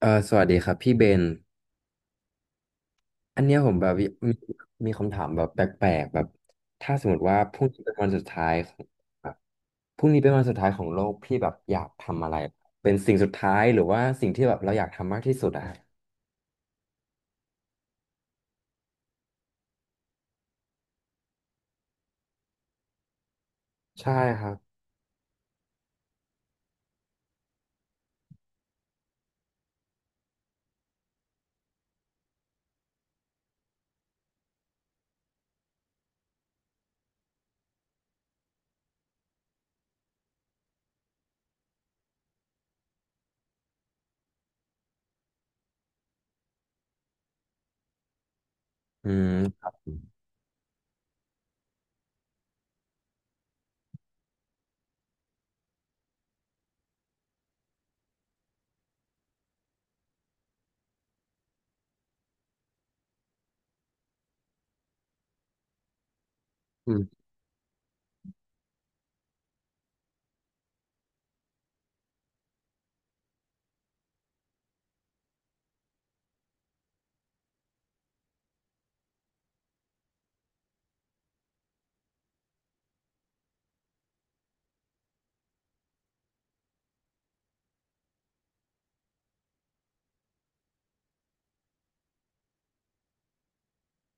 เออสวัสดีครับพี่เบนอันเนี้ยผมแบบมีคำถามแบบแปลกๆแบบถ้าสมมติว่าพรุ่งนี้เป็นวันสุดท้ายของแบบพรุ่งนี้เป็นวันสุดท้ายของโลกพี่แบบอยากทำอะไรเป็นสิ่งสุดท้ายหรือว่าสิ่งที่แบบเราอยากทำมากที่สุดอะใช่ครับอืมครับอืม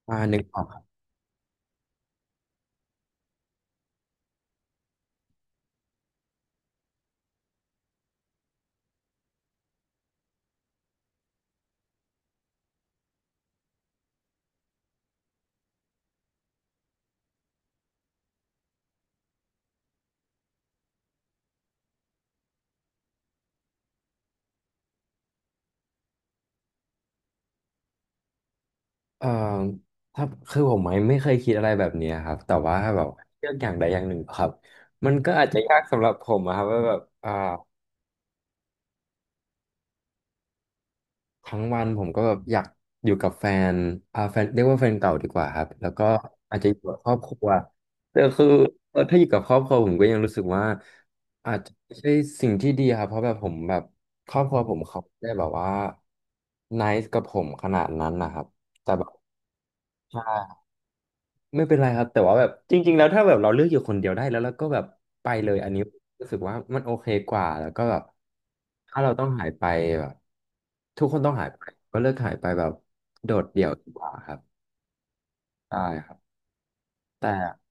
อ่านึกออกครับเออถ้าคือผมไม่เคยคิดอะไรแบบเนี้ยครับแต่ว่าแบบเลือกอย่างใดอย่างหนึ่งครับมันก็อาจจะยากสำหรับผมอะครับว่าแบบทั้งวันผมก็แบบอยากอยู่กับแฟนแฟนเรียกว่าแฟนเก่าดีกว่าครับแล้วก็อาจจะอยู่กับครอบครัวแต่คือเออถ้าอยู่กับครอบครัวผมก็ยังรู้สึกว่าอาจจะไม่ใช่สิ่งที่ดีครับเพราะแบบผมแบบครอบครัวผมเขาไม่ได้แบบว่า nice กับผมขนาดนั้นนะครับแต่แบบใช่ ไม่เป็นไรครับแต่ว่าแบบจริงๆแล้วถ้าแบบเราเลือกอยู่คนเดียวได้แล้วเราก็แบบไปเลยอันนี้รู้สึกว่ามันโอเคกว่าแล้วก็แบบถ้าเราต้องหายไปแบบทุกคนต้องหายไปก็เลือกหายไปแบบโดดเดี่ยวดีกว่าครับได้ครับแต่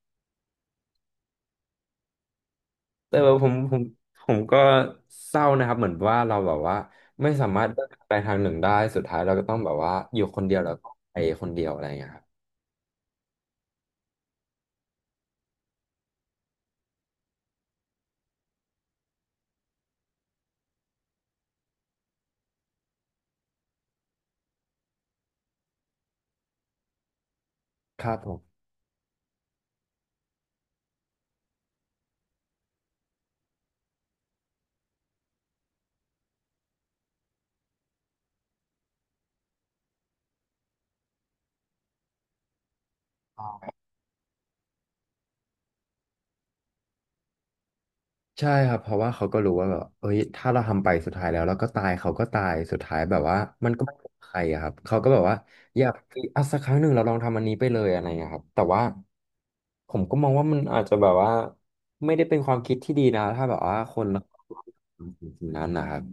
แต่ว่าผมก็เศร้านะครับเหมือนว่าเราแบบว่าไม่สามารถเลือกทางใดทางหนึ่งได้สุดท้ายเราก็ต้องแบบว่าอยู่คนเดียวแล้วก็ไปคนเดียวอะไรอย่างเงี้ยครับครับผม ใช่ครับเพราะว่าเขาก็รู้ว่าแบบเอ้ยถ้าเราทำไปสุดท้ายแล้วแล้วก็ตายเขาก็ตายสุดท้ายแบบว่ามันก็ไม่เป็นใครอะครับเขาก็แบบว่าอยากอ่ะสักครั้งหนึ่งเราลองทำอันนี้ไปเลยอะไรอย่างเงี้ยครับแต่ว่าผมก็มองว่ามันอาจจะแบบว่าไม่ได้เป็นความคิดที่ดีนะถ้าแบบว่าคนเราสิ่งนั้นนะครับ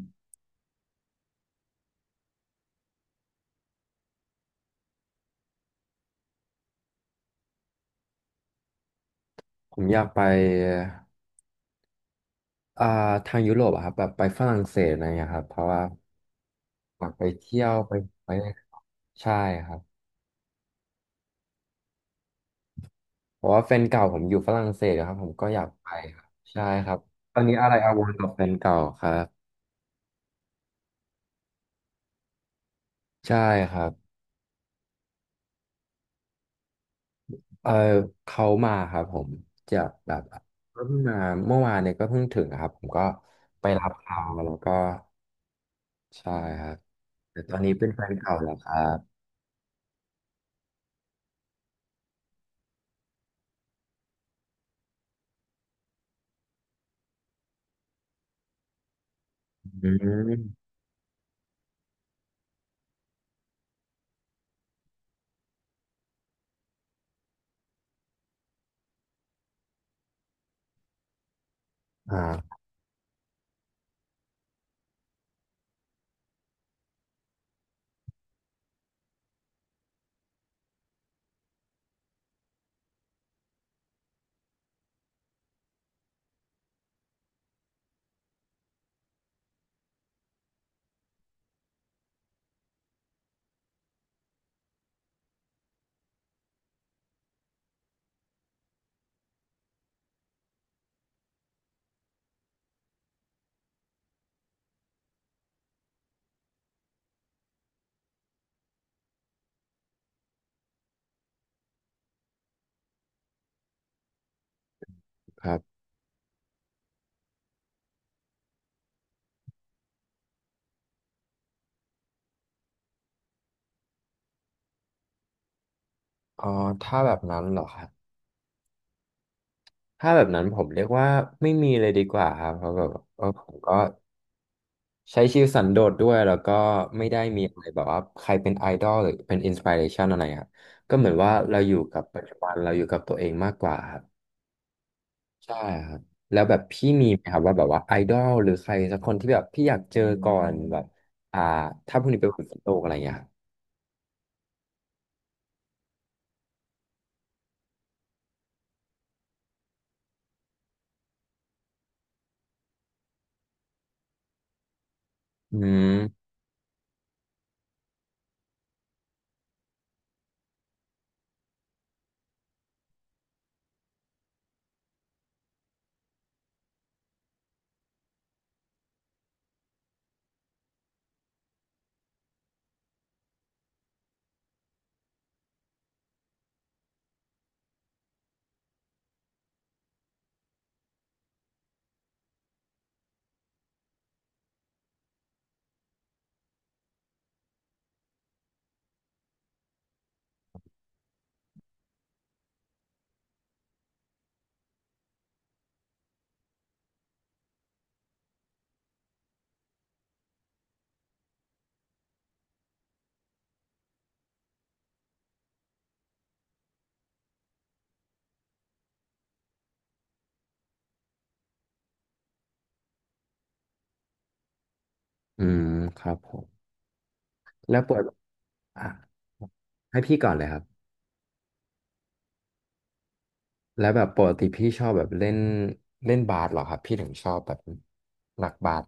ผมอยากไปอ่าทางยุโรปอะครับแบบไปฝรั่งเศสอะไรอย่างเงี้ยครับเพราะว่าอยากไปเที่ยวไปใช่ครับ เพราะว่าแฟนเก่าผมอยู่ฝรั่งเศสครับผมก็อยากไปครับใช่ครับตอนนี้อะไรอาวรกับแฟนเก่าครับใช่ครับเออเขามาครับผมจะแบบเพิ่งมาเมื่อวานเนี่ยก็เพิ่งถึงนะครับผมก็ไปรับเขาแล้วก็ใช่ครับแต่ตอนนี้เป็นแฟนเก่าแล้วครับอืมอ่าครับอ๋อถ้าแบบนั้นเหรอครับถ้าแบบนั้นผมเรียกว่าไม่มีเลยดีกว่าครับเพราะแบบเออผมก็ ใช้ชีวิตสันโดษด้วยแล้วก็ไม่ได้มีอะไรแบบว่าใครเป็นไอดอลหรือเป็นอินส i r เรชันอะไรครับก็เหมือนว่าเราอยู่กับปัจจุบันเราอยู่กับตัวเองมากกว่าครับใช่ครับแล้วแบบพี่มีไหมครับว่าแบบว่าไอดอลหรือใครสักคนที่แบบพี่อยากเจอก่อนแบบอ่าถ้าพรุ่งนี้เป็นวันโลกอะไรอย่างเงี้ยครับอืมอืมครับผมแล้วปวดอ่ะให้พี่ก่อนเลยครับแล้วแบบปกติพี่ชอบแบบเล่นเล่นบาสเหรอครับพี่ถึงชอบแบบหนักบาส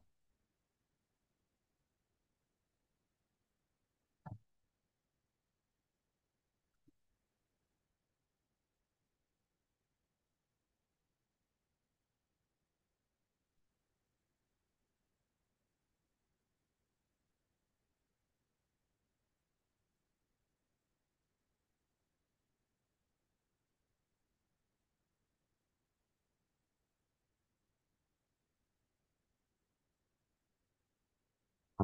อ่า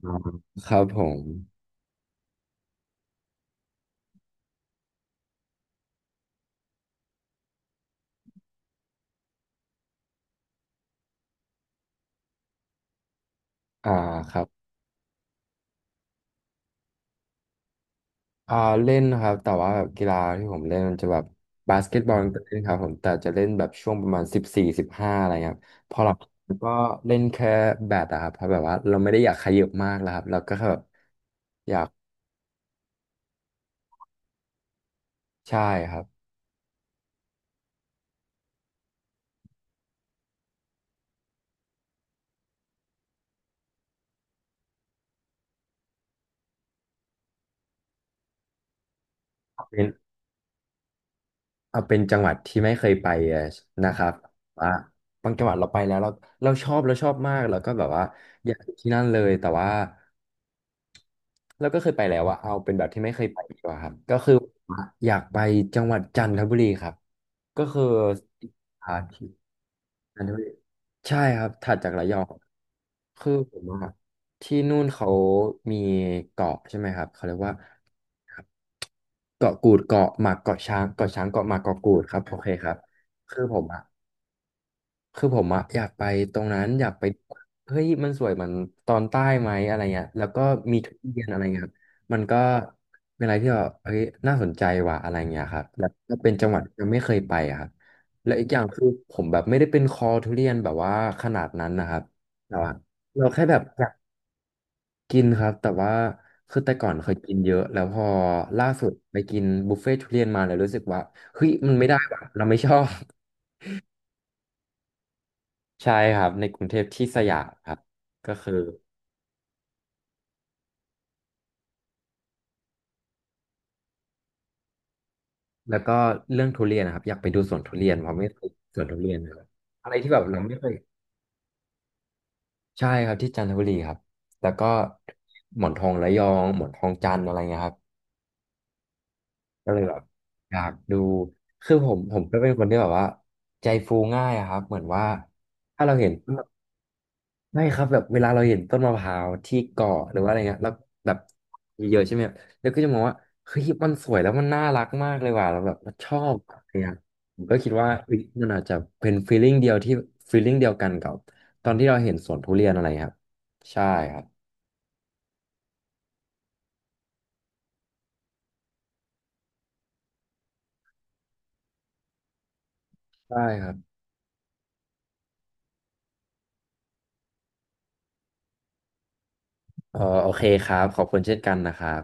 ครับผม อ่าครับอ่าเล่นนะครับแต่ว่าแบบกีฬาที่ผมเล่นมันจะแบบบาสเกตบอลก็เล่นครับผมแต่จะเล่นแบบช่วงประมาณ14-15อะไรเงี้ยครับพอหลับก็เล่นแค่แบดอะครับเพราะแบบว่าเราไม่ได้อยากขยับมากแล้วครับเราก็แค่แบบอยากใช่ครับเอาเป็นเอาเป็นจังหวัดที่ไม่เคยไปนะครับว่าบางจังหวัดเราไปแล้วเราเราชอบมากแล้วก็แบบว่าอยากอยู่ที่นั่นเลยแต่ว่าเราก็เคยไปแล้วอะเอาเป็นแบบที่ไม่เคยไปดีกว่าครับก็คืออยากไปจังหวัดจันทบุรีครับ ก็คือหาทีกอันนี้ใช่ครับถัดจากระยองคือผมอะที่นู่นเขามีเกาะใช่ไหมครับเขาเรียกว่าครับเกาะกูดเกาะหมากเกาะช้างเกาะช้างเกาะหมากเกาะกูดครับโอเคครับคือผมอะ คือผมอะอยากไปตรงนั้นอยากไปเฮ้ยมันสวยเหมือนตอนใต้ไหมอะไรเงี้ยแล้วก็มีทุเรียนอะไรเงี้ยครับมันก็เป็นอะไรที่แบบเฮ้ยน่าสนใจว่ะอะไรเงี้ยครับแล้วก็เป็นจังหวัดที่ยังไม่เคยไปอะครับและอีกอย่างคือผมแบบไม่ได้เป็นคอทุเรียนแบบว่าขนาดนั้นนะครับแต่ว่าเราแค่แบบอยากกินครับแต่ว่าคือแต่ก่อนเคยกินเยอะแล้วพอล่าสุดไปกินบุฟเฟ่ต์ทุเรียนมาแล้วรู้สึกว่าเฮ้ยมันไม่ได้ว่ะเราไม่ชอบ ใช่ครับในกรุงเทพที่สยามครับก็คือแล้วก็เรื่องทุเรียนนะครับอยากไปดูสวนทุเรียนเพราะไม่เคยสวนทุเรียนนะครับอะไรที่แบบเราไม่เคยใช่ครับที่จันทบุรีครับแล้วก็หมอนทองระยองหมอนทองจันทร์อะไรเงี้ยครับก็เลยแบบอยากดูคือผมก็เป็นคนที่แบบว่าใจฟูง่ายอะครับเหมือนว่าถ้าเราเห็น ไม่ครับแบบเวลาเราเห็นต้นมะพร้าวที่เกาะหรือว่าอะไรเงี้ยแล้วแบบเยอะๆใช่ไหมแล้วก็จะมองว่าเฮ้ยมันสวยแล้วมันน่ารักมากเลยว่ะเราแบบเราชอบอะไรเงี้ยผมก็คิดว่าเฮ้ยมันอาจจะเป็นฟีลลิ่งเดียวกันกับตอนที่เราเห็นสวนทุเรียนอะไรครับใช่ครับใช่ครับเออโอเคครับขอบคุณเช่นกันนะครับ